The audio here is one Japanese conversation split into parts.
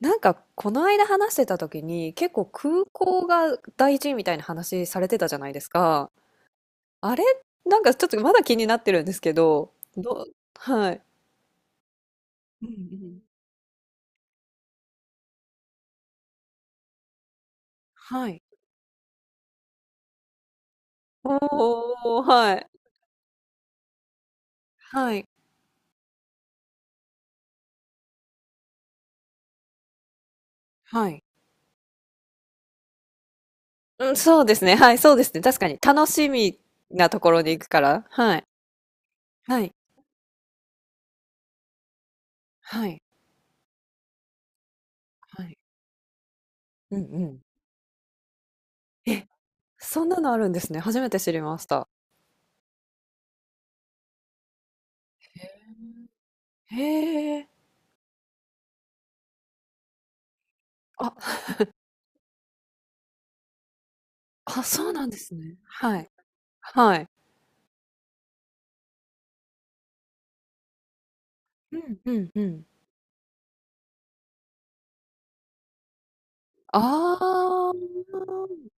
なんか、この間話してた時に、結構空港が大事みたいな話されてたじゃないですか。あれなんかちょっとまだ気になってるんですけど、どう、はい。うんうん。はい。おー、はい。はい。はい。うん、そうですね。はい、そうですね。確かに。楽しみなところに行くから。はい。はい。はい。はい。うんうん。え、そんなのあるんですね。初めて知りました。へえ。あ、あ、そうなんですね。はい。はい。うんうんうん。ああ、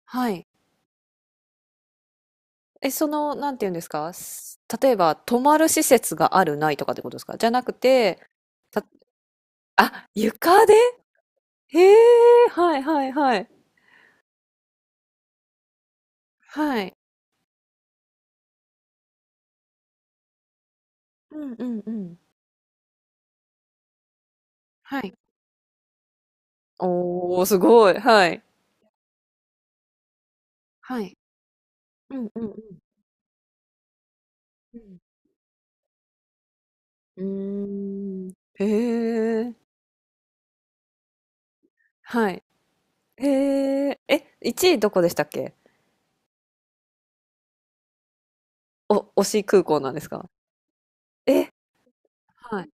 はい。え、その、なんていうんですか、例えば、泊まる施設がある、ないとかってことですかじゃなくて、た、あ、床でへえ、はいはいはい。はい。うんうんうん。はい。おー、すごい。はい。はい。うんうんうん。うん。うーん。へえ、はい。へえ、え、1位どこでしたっけ？お、推し空港なんですか？え、はい。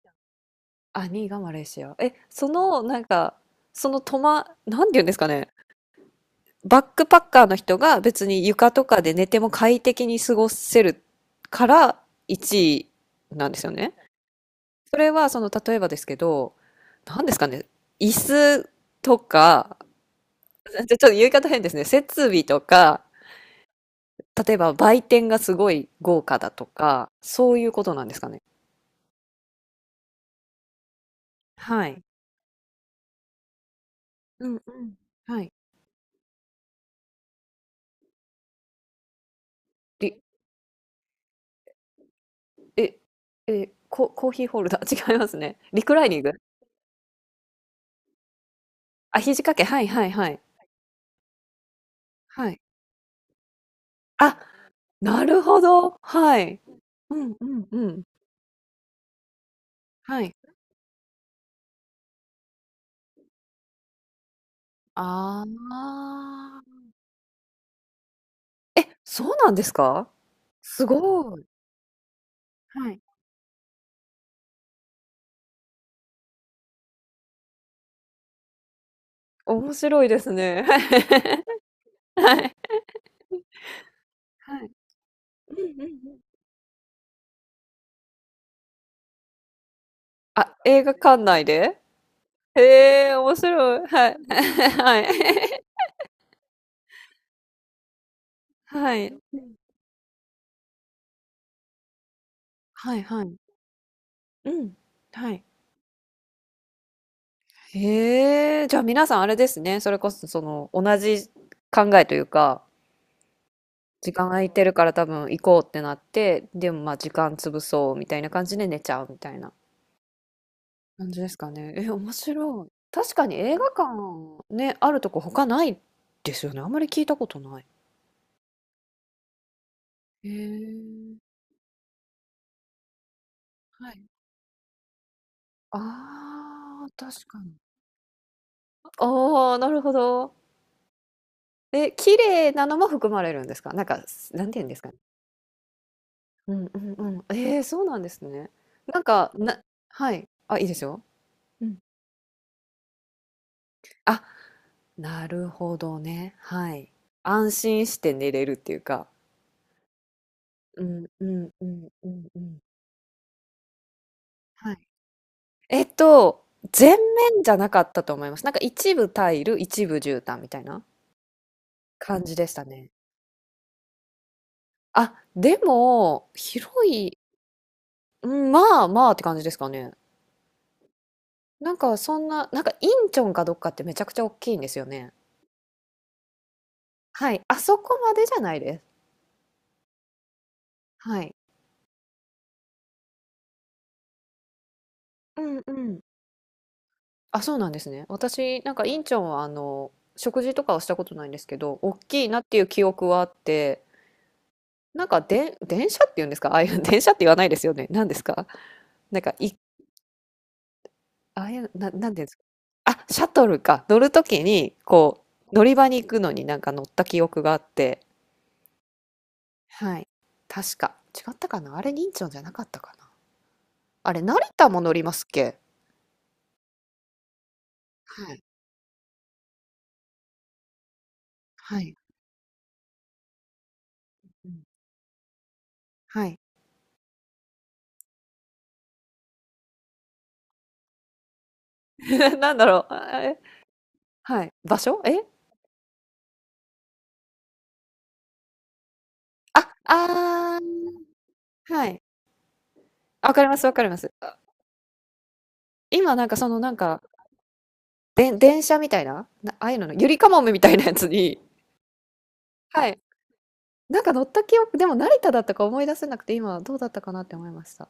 あ、2位がマレーシア。え、その、なんか、そのトま、なんて言うんですかね。バックパッカーの人が別に床とかで寝ても快適に過ごせるから1位なんですよね。それは、その、例えばですけど、なんですかね。椅子とか、ちょっと言い方変ですね。設備とか、例えば売店がすごい豪華だとか、そういうことなんですかね。はい。うんうん。はい。りえ、え、コーヒーホルダー、違いますね。リクライニング？あ、肘掛け、はいはいはい。はい。あ、なるほど、はい。うんうんうん。はい。ああ。え、そうなんですか？すごい。はい。面白いですね。はい。うんうんうん。あ、映画館内で？へえ、面白い。はい。はい。はい。うん。はいはい。うん。はい。へえ、じゃあ皆さんあれですね。それこそその同じ考えというか、時間空いてるから多分行こうってなって、でもまあ時間潰そうみたいな感じで寝ちゃうみたいな感じですかね。え、面白い。確かに映画館ね、あるとこ他ないですよね。あんまり聞いたことない。へえ、はい。ああ、確かに。ああ、なるほど。え、綺麗なのも含まれるんですか？なんか、なんて言うんですかね。うんうんうん。ええ、そうなんですね。なんか、はい。あ、いいですよ。うん。あ、なるほどね。はい。安心して寝れるっていうか。うんうんうんうんうん。はい。えっと、全面じゃなかったと思います。なんか一部タイル、一部絨毯みたいな感じでしたね。あ、でも、うん、まあまあって感じですかね。なんかそんな、なんかインチョンかどっかってめちゃくちゃ大きいんですよね。はい。あそこまでじゃないです。はい。うんうん。あ、そうなんですね。私、なんかインチョンは食事とかはしたことないんですけど、大きいなっていう記憶はあって、なんかで、電車っていうんですか？ ああいう、電車って言わないですよね。何ですか？なんか、ああいう、なんていうんですか？あ、シャトルか。乗るときに、こう、乗り場に行くのになんか乗った記憶があって。はい。確か。違ったかな。あれ、インチョンじゃなかったかな。あれ、成田も乗りますっけ？はい。はい。うんはい。なんだろう。はい。場所あ、ああ、はい。あ、分かります分かります。あ、今なんかそのなんか、で電車みたいな、ああいうのの、ゆりかもめみたいなやつにはい。なんか乗った記憶でも成田だったか思い出せなくて、今どうだったかなって思いました。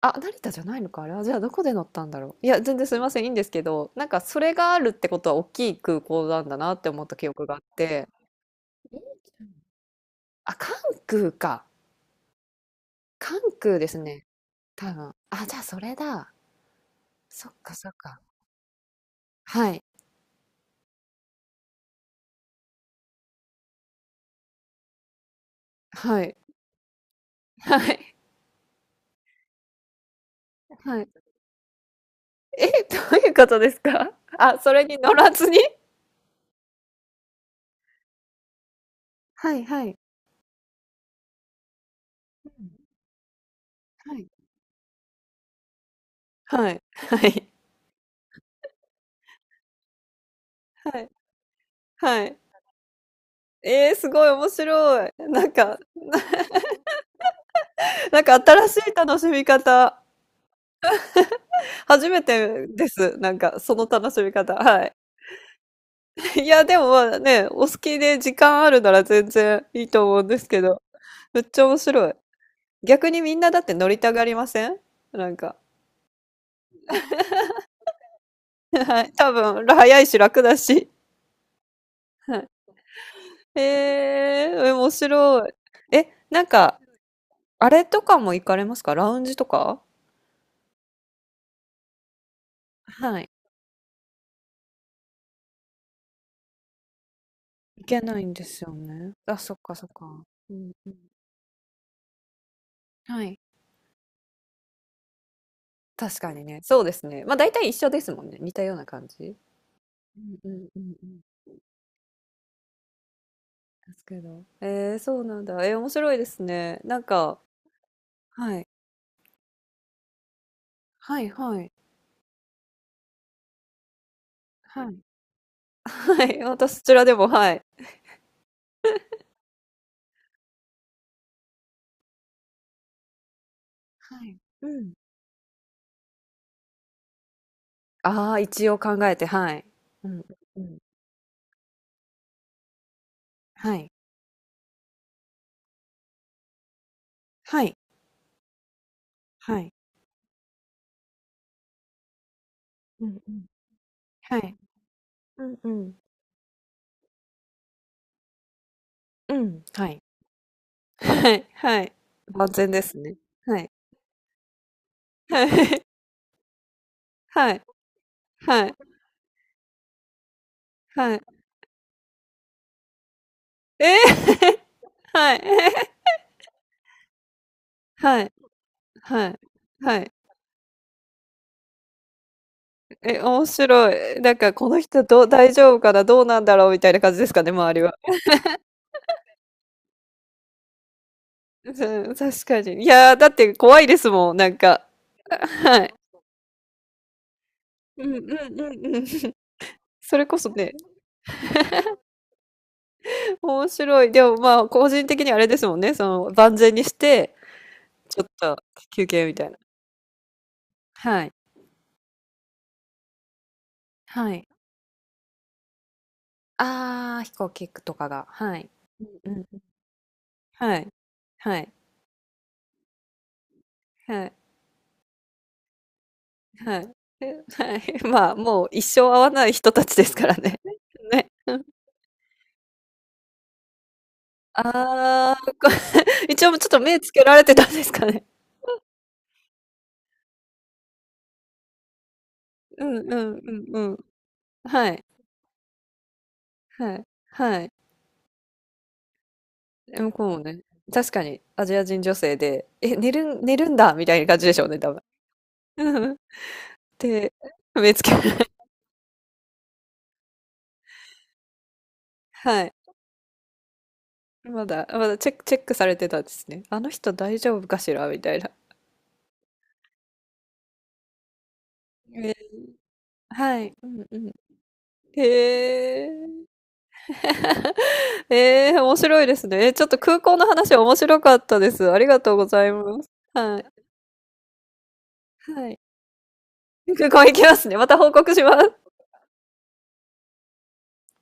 あ、成田じゃないのか、あれは。じゃあどこで乗ったんだろう。いや、全然すいません、いいんですけど、なんかそれがあるってことは大きい空港なんだなって思った記憶があって。あ、関空か。関空ですね、多分。あ、じゃあそれだ。そっかそっか。はい、はい、はい。はい。え、どういうことですか？あ、それに乗らずに？はいはい。うん、はい。はい、はい、はい、すごい面白い。なんか、なんか新しい楽しみ方、初めてです。なんかその楽しみ方、はい。いや、でも、ま、ね、お好きで時間あるなら全然いいと思うんですけど、めっちゃ面白い。逆にみんなだって乗りたがりません？なんか、はい、多分、早いし楽だし、はい。へえ、面白い。え、なんか、あれとかも行かれますかラウンジとか？はい。行けないんですよね。あ、そっかそっか。うんうん。はい。確かにね。そうですね。まあ大体一緒ですもんね。似たような感じ。うんうんうんうん。ですけど。そうなんだ。面白いですね。なんか、はい。はいはい。はい。はい。私、そちらでも、はい。はい。うん。ああ、一応考えて、はい。うんうんうん。はい。はい。はい。うんうん。はい。うんうん。うん、はい。はい、はい。万全ですね。はい。はい。はい。はい。はい。ええ はい。はい。はい。はい。え、面白い。なんか、この人どう大丈夫かな、どうなんだろうみたいな感じですかね、周りは。うん、確かに。いやー、だって怖いですもん、なんか。あ、はい。うんうんうんうん。それこそね、面白い。でも、まあ、個人的にあれですもんね、その、万全にして、ちょっと休憩みたいな。はい。はい。ああ、飛行機とかが。はい。うん。はい。はい。はい。はい。え、はい。まあ、もう一生会わない人たちですからね。ね。ああー一応ちょっと目つけられてたんですかね。うんうんうんうん。はい。はい。はい。え、向こうもね、確かにアジア人女性で、え、寝るんだみたいな感じでしょうね、多分。うんうん。で、目つけられはい。まだチェックされてたんですね。あの人大丈夫かしらみたいな。えーはい。うんうん。へえ。面白いですね。ちょっと空港の話面白かったです。ありがとうございます。はい。はい。空港行きますね。また報告します。